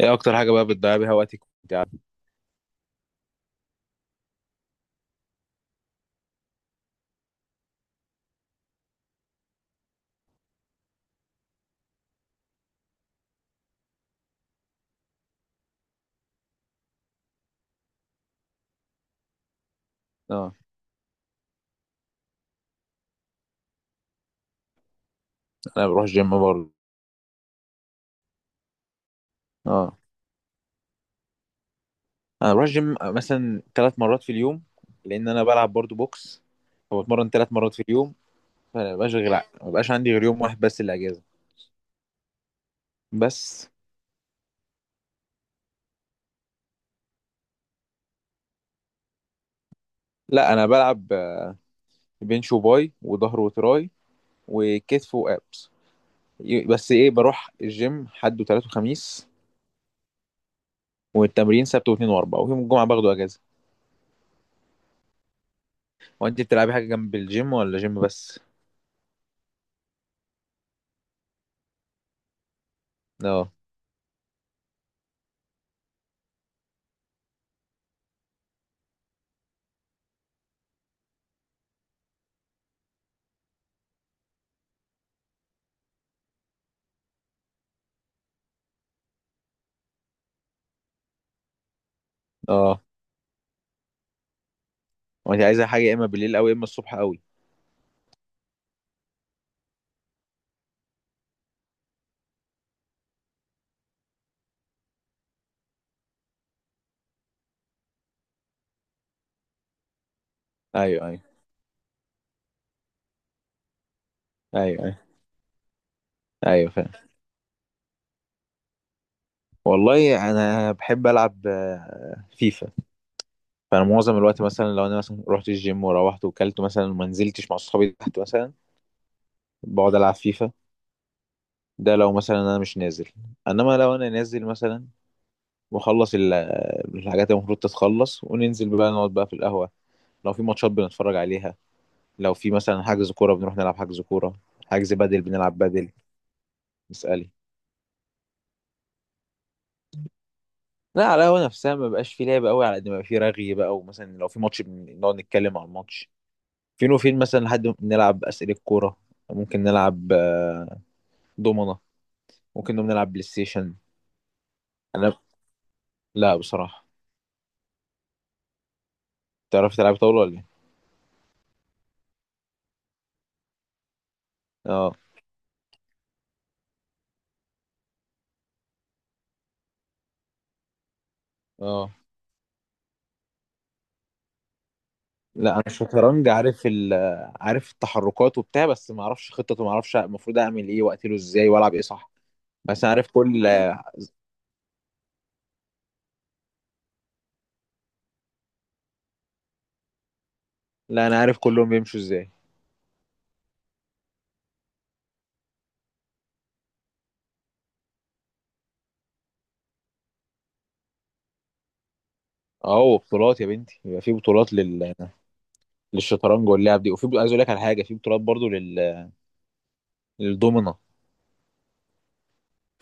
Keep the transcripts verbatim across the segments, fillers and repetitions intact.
ايه اكتر حاجه بقى بتضيع بيها وقتك وإنت قاعدة؟ اه، انا بروح جيم برضه. اه، انا بروح جيم مثلا ثلاث مرات في اليوم، لان انا بلعب برضه بوكس، فبتمرن ثلاث مرات في اليوم. فانا مبقاش غير ما بقاش عندي غير يوم واحد بس الاجازه. بس. لا انا بلعب آه، بنش وباي وظهر وتراي وكتف وابس. ي- بس ايه، بروح الجيم حد وثلاث وخميس، والتمرين سبت واثنين واربعة، ويوم الجمعه باخده اجازه. وانت بتلعبي حاجه جنب الجيم ولا جيم بس؟ اه. اه. وانت عايزه حاجه يا اما بالليل او يا اما الصبح قوي. ايوه، ايوه. ايوه، ايوه. ايوه فاهم. والله انا بحب العب آه، فيفا. فانا معظم الوقت مثلا لو انا مثلا رحت الجيم وروحت وكلت مثلا وما نزلتش مع اصحابي تحت مثلا، بقعد العب فيفا. ده لو مثلا انا مش نازل. انما لو انا نازل مثلا واخلص ال- الحاجات اللي المفروض تتخلص، وننزل بقى نقعد بقى في القهوه. لو في ماتشات بنتفرج عليها. لو في مثلا حجز كوره بنروح نلعب حجز كوره. حجز بدل بنلعب بدل. اسألي. لا على القهوة نفسها ما بقاش في لعب قوي، على قد ما بقى في رغي بقى، ومثلا لو في ماتش بن- نقعد نتكلم على الماتش فين وفين، مثلا لحد ما نلعب أسئلة كورة. ممكن نلعب آه، دومنة. ممكن نقوم نلعب بلاي ستيشن. أنا، لا بصراحة. تعرف تلعب طاولة ولا إيه؟ اه. اه. لا أنا الشطرنج عارف ال آه، عارف التحركات وبتاع، بس ما أعرفش خطته، ما أعرفش المفروض أعمل إيه وأقتله إزاي وألعب إيه، صح؟ بس أنا عارف كل. لا أنا عارف كلهم بيمشوا إزاي. أهو بطولات يا بنتي، يبقى في بطولات لل للشطرنج واللعب دي، وفي عايز اقول لك على حاجه، في بطولات برضو لل... للدومنه.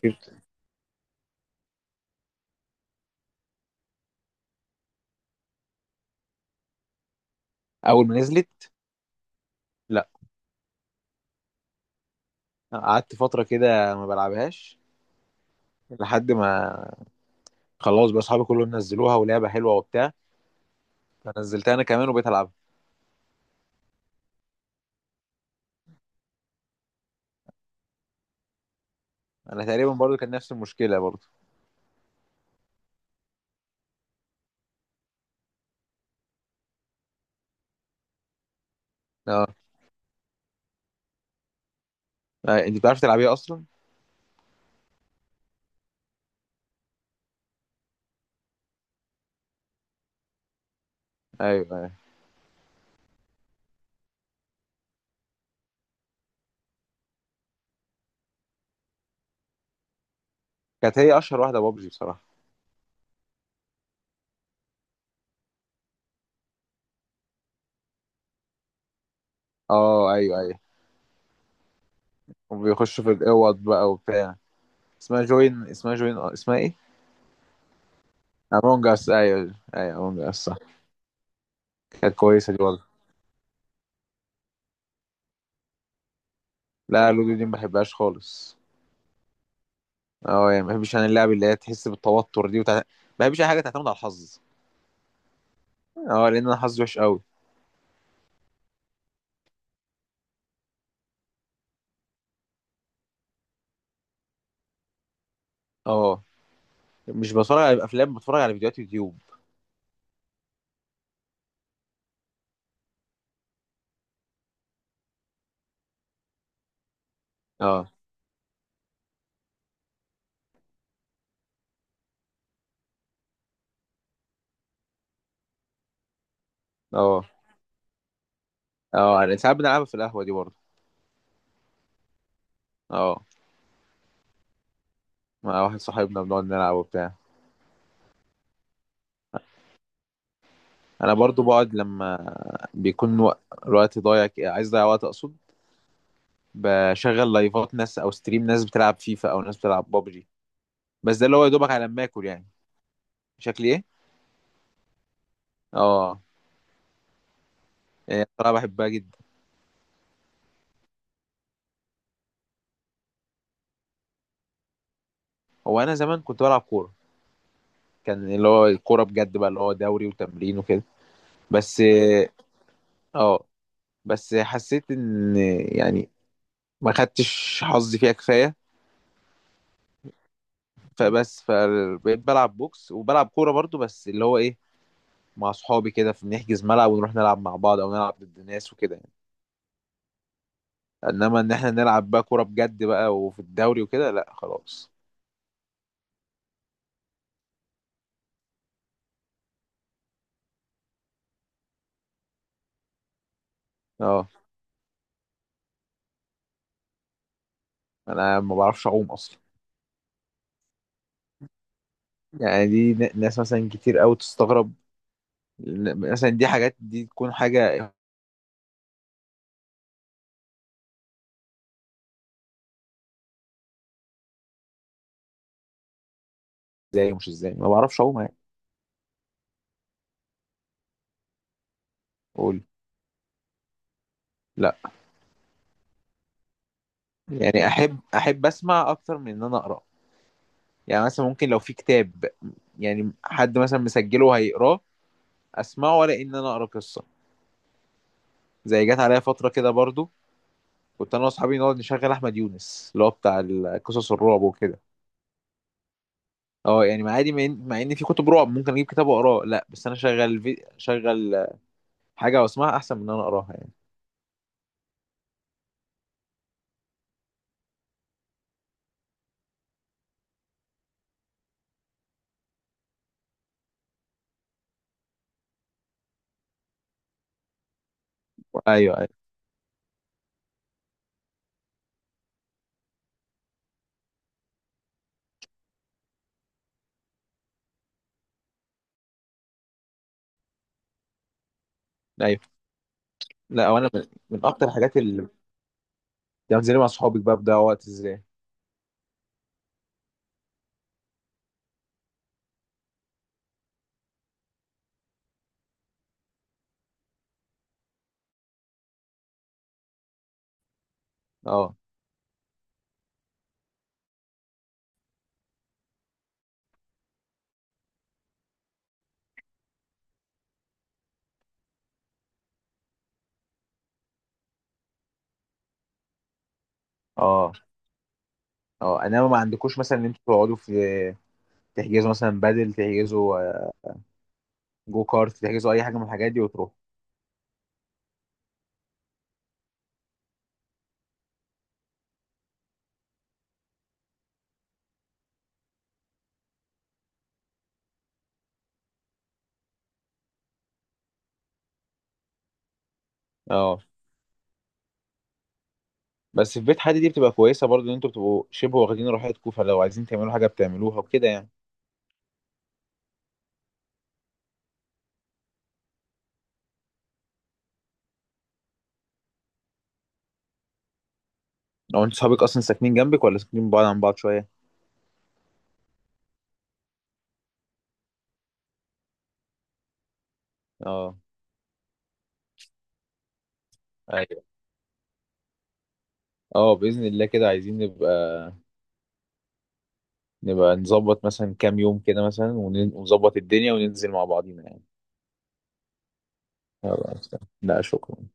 في- اول ما نزلت، لا. قعدت فتره كده ما بلعبهاش، لحد ما خلاص بقى اصحابي كلهم نزلوها ولعبه حلوه وبتاع، فنزلتها انا كمان وبقيت العبها. انا تقريبا برضو كان نفس المشكله برضو. اه، آه، انت بتعرف تلعبيها اصلا؟ ايوه، ايوه. كانت هي اشهر واحده بابجي بصراحه. اه، ايوه، ايوه. وبيخشوا في الاوض بقى وبتاع. اسمها جوين، اسمها جوين، اسمها ايه؟ امونج اس، ايوه، ايوه، امونج اس، صح. كانت كويسه دي والله. لا لودو دي ما بحبهاش خالص. اه، يعني ما بحبش انا اللعب اللي هي تحس بالتوتر دي وتع... ما بحبش اي حاجه تعتمد على الحظ. اه لان انا حظي وحش قوي. اه. مش بتفرج على افلام، بتفرج على فيديوهات يوتيوب. اه. اه. اه، انا ساعات بنلعبها في القهوه دي برضه. اه، مع واحد صاحبنا بنقعد نلعب وبتاع. انا برضه بقعد لما بيكون وق- الوقت ضايع، ك- عايز اضيع وقت اقصد، بشغل لايفات ناس او ستريم ناس بتلعب فيفا او ناس بتلعب بابجي. بس ده اللي هو يا دوبك على ما اكل يعني. شكلي ايه؟ اه. يعني بصراحه بحبها جدا. هو انا زمان كنت بلعب كوره، كان اللي هو الكوره بجد بقى اللي هو دوري وتمرين وكده. بس. اه. بس حسيت ان يعني ما خدتش حظي فيها كفايه. فبس فبقيت بلعب بوكس وبلعب كوره برضو، بس اللي هو ايه، مع اصحابي كده، فبنحجز ملعب ونروح نلعب مع بعض او نلعب ضد ناس وكده يعني. انما ان احنا نلعب بقى كوره بجد بقى وفي الدوري وكده، لا خلاص. اه انا ما بعرفش اعوم اصلا. يعني دي ن- ناس مثلا كتير قوي تستغرب. ن- مثلا دي حاجات دي تكون حاجة ازاي ومش ازاي ما بعرفش اعوم يعني. اقول. لا. يعني احب احب اسمع اكتر من ان انا اقرا، يعني مثلا ممكن لو في كتاب، يعني حد مثلا مسجله وهيقراه اسمعه، ولا ان انا اقرا قصه. زي جت عليا فتره كده برضو كنت انا واصحابي نقعد نشغل احمد يونس اللي هو بتاع ال- قصص الرعب وكده. اه يعني مع عادي، مع ان مع إن في كتب رعب ممكن اجيب كتاب واقراه، لا بس انا شغل في... شغل حاجه واسمعها احسن من ان انا اقراها يعني. ايوه، ايوه، ايوه. لا وانا من, من اكتر الحاجات اللي يعني زي مع صحابك بقى بضيع وقت ازاي. اه. اه. اه انما ما عندكوش مثلا ان انتوا تقعدوا في، تحجزوا مثلا بدل تحجزوا آه، جو كارت، تحجزوا اي حاجه من الحاجات دي وتروحوا. اه بس في بيت حد دي بتبقى كويسه برضو، ان انتوا بتبقوا شبه واخدين راحتكم، فلو عايزين تعملوا حاجه بتعملوها وكده يعني. لو انتوا صحابك اصلا ساكنين جنبك ولا ساكنين بعاد عن بعض شويه. اه. ايوه. اه باذن الله كده عايزين نبقى نبقى نظبط مثلا كام يوم كده مثلا ون- ونظبط الدنيا وننزل مع بعضينا يعني. يلا. لا شكرا.